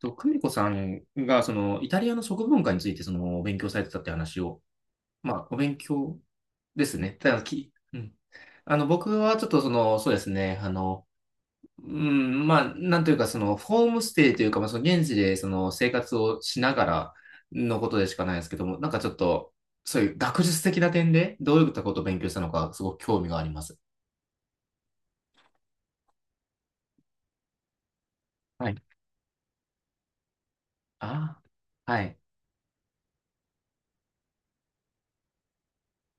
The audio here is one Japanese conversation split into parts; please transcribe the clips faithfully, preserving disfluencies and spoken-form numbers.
と、久美子さんが、その、イタリアの食文化について、その、お勉強されてたって話を、まあ、お勉強ですね。ただ、き、うん。あの、僕はちょっと、その、そうですね、あの、うん、まあ、なんというか、その、ホームステイというか、まあ、その、現地で、その、生活をしながらのことでしかないですけども、なんかちょっと、そういう学術的な点で、どういったことを勉強したのか、すごく興味があります。はい。ああ、はい。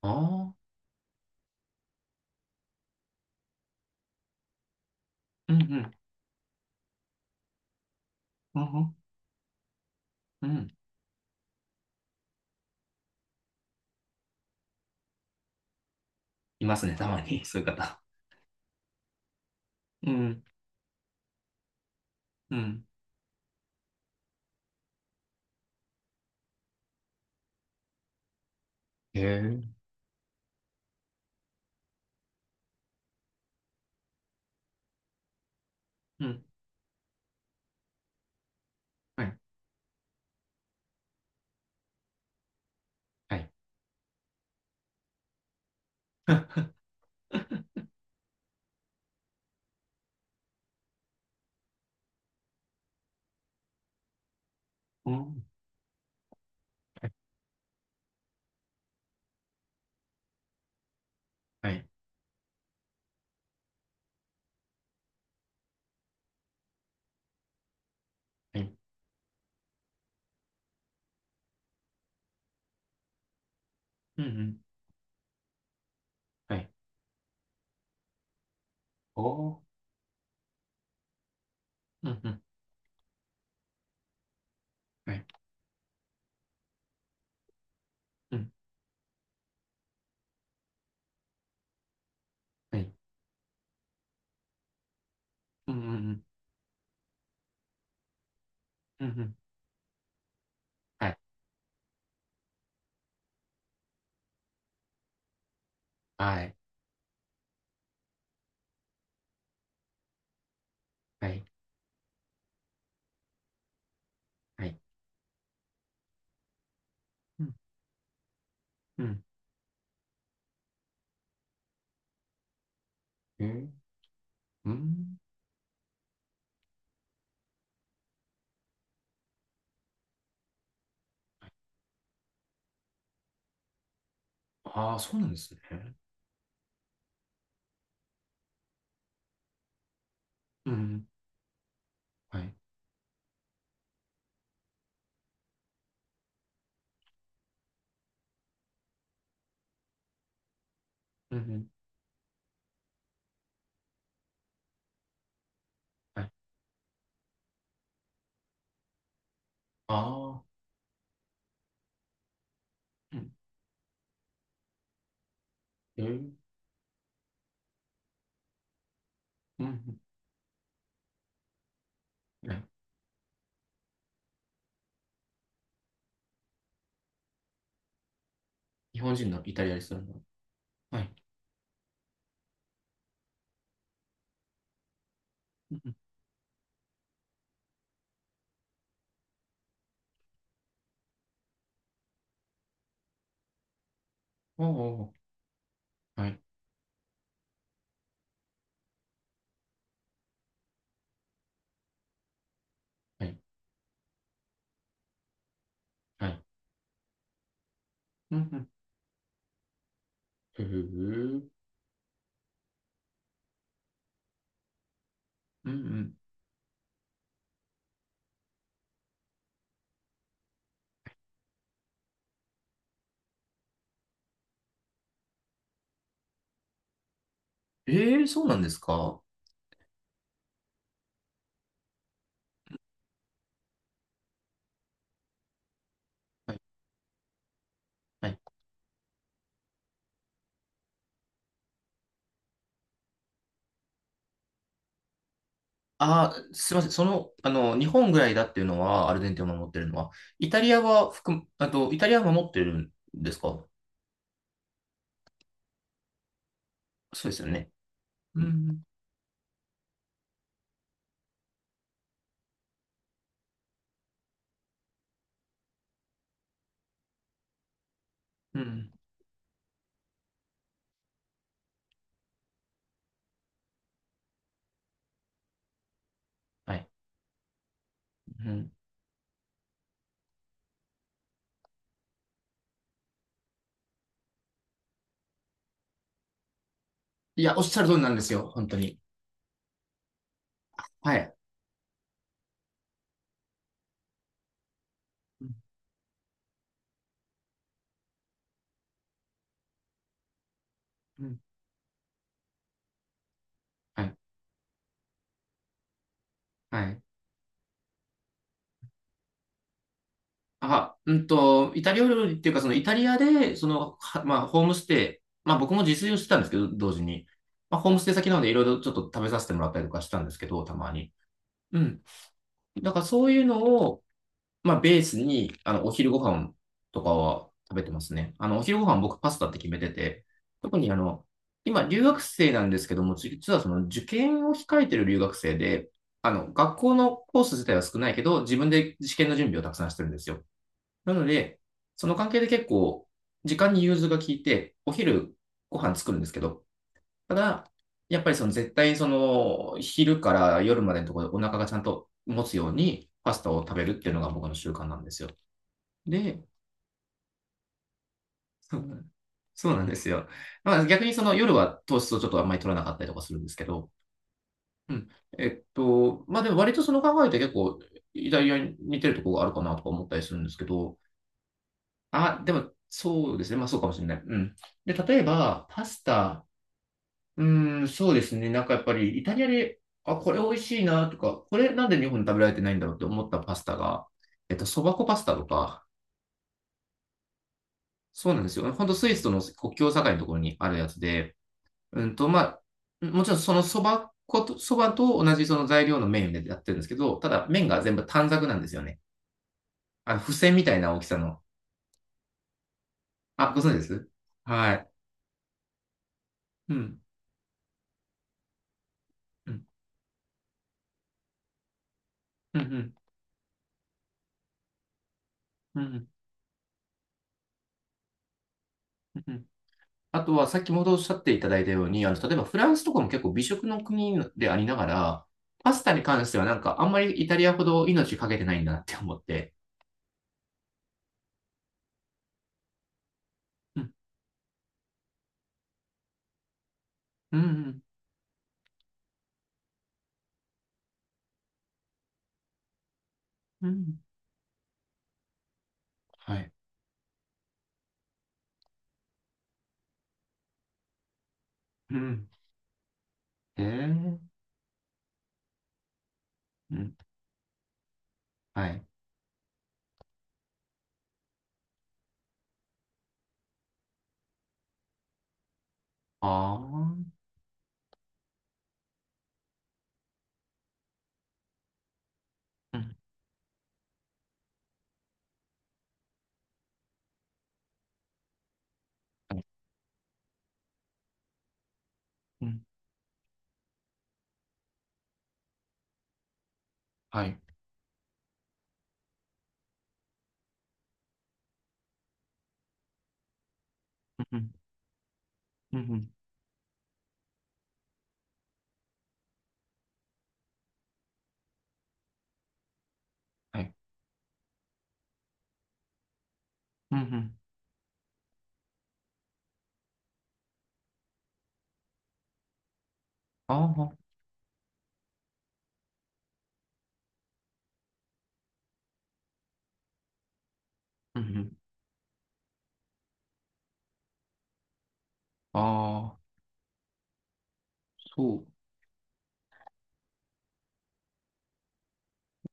ああ、うんうん、うんうん、うん。いますね、たまに、そういう方。うん、うん。へえ。うん。はい。はい。うん。はい。はい。はい。うんうん。はい。おー。うんうん。はい。うん。はい。うんうんうん。うんうん。はい。はい。はい。はい。うんうん。へえ。うん。ああ、そうなんですね。うんうん。はい。うんうん。はい。ああ。うん。へえ。うんうん。はい。日本人のイタリアにするの。はい。うんうん。おお。はい。はい。はい。うんうん。へえ。うんうん。ええ、そうなんですか。はい。はい。ああ、すみません。その、あの、日本ぐらいだっていうのは、アルゼンチンを守ってるのは、イタリアは含む、あと、イタリアは守ってるんですか？そうですよね。うん。ん。うん。はい。うん。いや、おっしゃる通りなんですよ。本当に。はい。うんうん。はい。はい。あ、うんと、イタリア料理っていうか、そのイタリアで、その、はまあ、ホームステイ、まあ僕も自炊をしてたんですけど、同時に。まあ、ホームステイ先なので、いろいろちょっと食べさせてもらったりとかしたんですけど、たまに。うん。だからそういうのを、まあ、ベースに、あの、お昼ご飯とかは食べてますね。あの、お昼ご飯僕パスタって決めてて、特にあの、今、留学生なんですけども、実はその受験を控えてる留学生で、あの、学校のコース自体は少ないけど、自分で試験の準備をたくさんしてるんですよ。なので、その関係で結構、時間に融通が効いて、お昼ご飯作るんですけど、ただ、やっぱりその絶対その昼から夜までのところでお腹がちゃんと持つようにパスタを食べるっていうのが僕の習慣なんですよ。で、そうなんそうなんですよ。まあ、逆にその夜は糖質をちょっとあんまり取らなかったりとかするんですけど、うん。えっと、まあでも割とその考えって結構、イタリアに似てるところがあるかなとか思ったりするんですけど、あ、でもそうですね。まあそうかもしれない。うん。で、例えば、パスタ、うーん、そうですね。なんかやっぱりイタリアで、あ、これ美味しいなとか、これなんで日本で食べられてないんだろうって思ったパスタが、えっと、そば粉パスタとか、そうなんですよ。ほんとスイスとの国境境のところにあるやつで、うんと、まあ、もちろんそのそば粉と、そばと同じその材料の麺でやってるんですけど、ただ麺が全部短冊なんですよね。あの、付箋みたいな大きさの。あ、ご存知ですはい。うん。うん。うん。うん。うんうん。あとは、先ほどおっしゃっていただいたように、あの、例えばフランスとかも結構美食の国でありながら、パスタに関してはなんかあんまりイタリアほど命かけてないんだなって思って。うん。うん。うん。はい。うん。へえ。うん。はい。ああ。うん。はい。うん。はい。うん、うん、うん、はい。うん、うん。ああ、うん、うん。ああ、そう。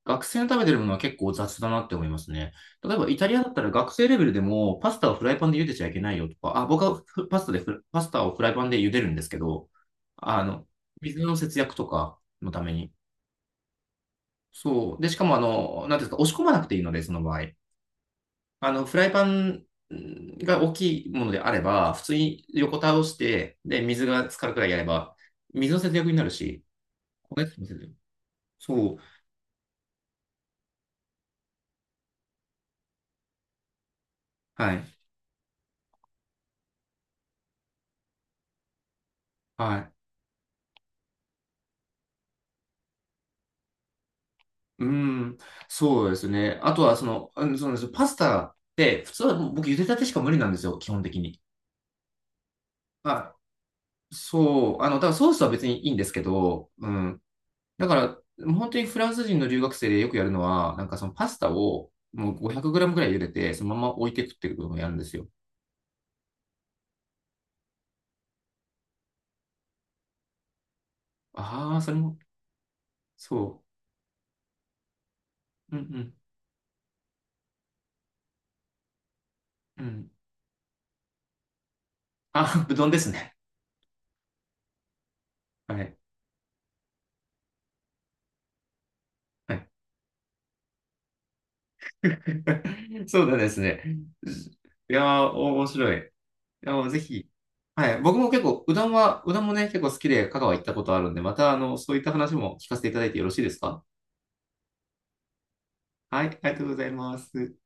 学生の食べてるものは結構雑だなって思いますね。例えば、イタリアだったら学生レベルでも、パスタをフライパンで茹でちゃいけないよとか、あ、僕はフパスタでフ、パスタをフライパンで茹でるんですけど、あの、水の節約とかのために。そう。で、しかも、あの、なんていうんですか、押し込まなくていいので、その場合。あの、フライパンが大きいものであれば、普通に横倒して、で、水が浸かるくらいやれば、水の節約になるし、焦げつきも節約そう、はい、はい。うん、そうですね。あとは、その、うんそうなんですよ。パスタって、普通は僕、茹でたてしか無理なんですよ、基本的に。はい。そう、あの、だからソースは別にいいんですけど、うん。だから、本当にフランス人の留学生でよくやるのは、なんかそのパスタを、もうごひゃくムぐらい茹でて、そのまま置いて食っていくこともやるんですよ。ああ、それも、そう。うんうん。うん。あ、うどんですね。はい。はい。そうだですね。いやー、お面白い。いやー、ぜひ。はい。僕も結構、うどんは、うどんもね、結構好きで、香川行ったことあるんで、また、あの、そういった話も聞かせていただいてよろしいですか？はい。ありがとうございます。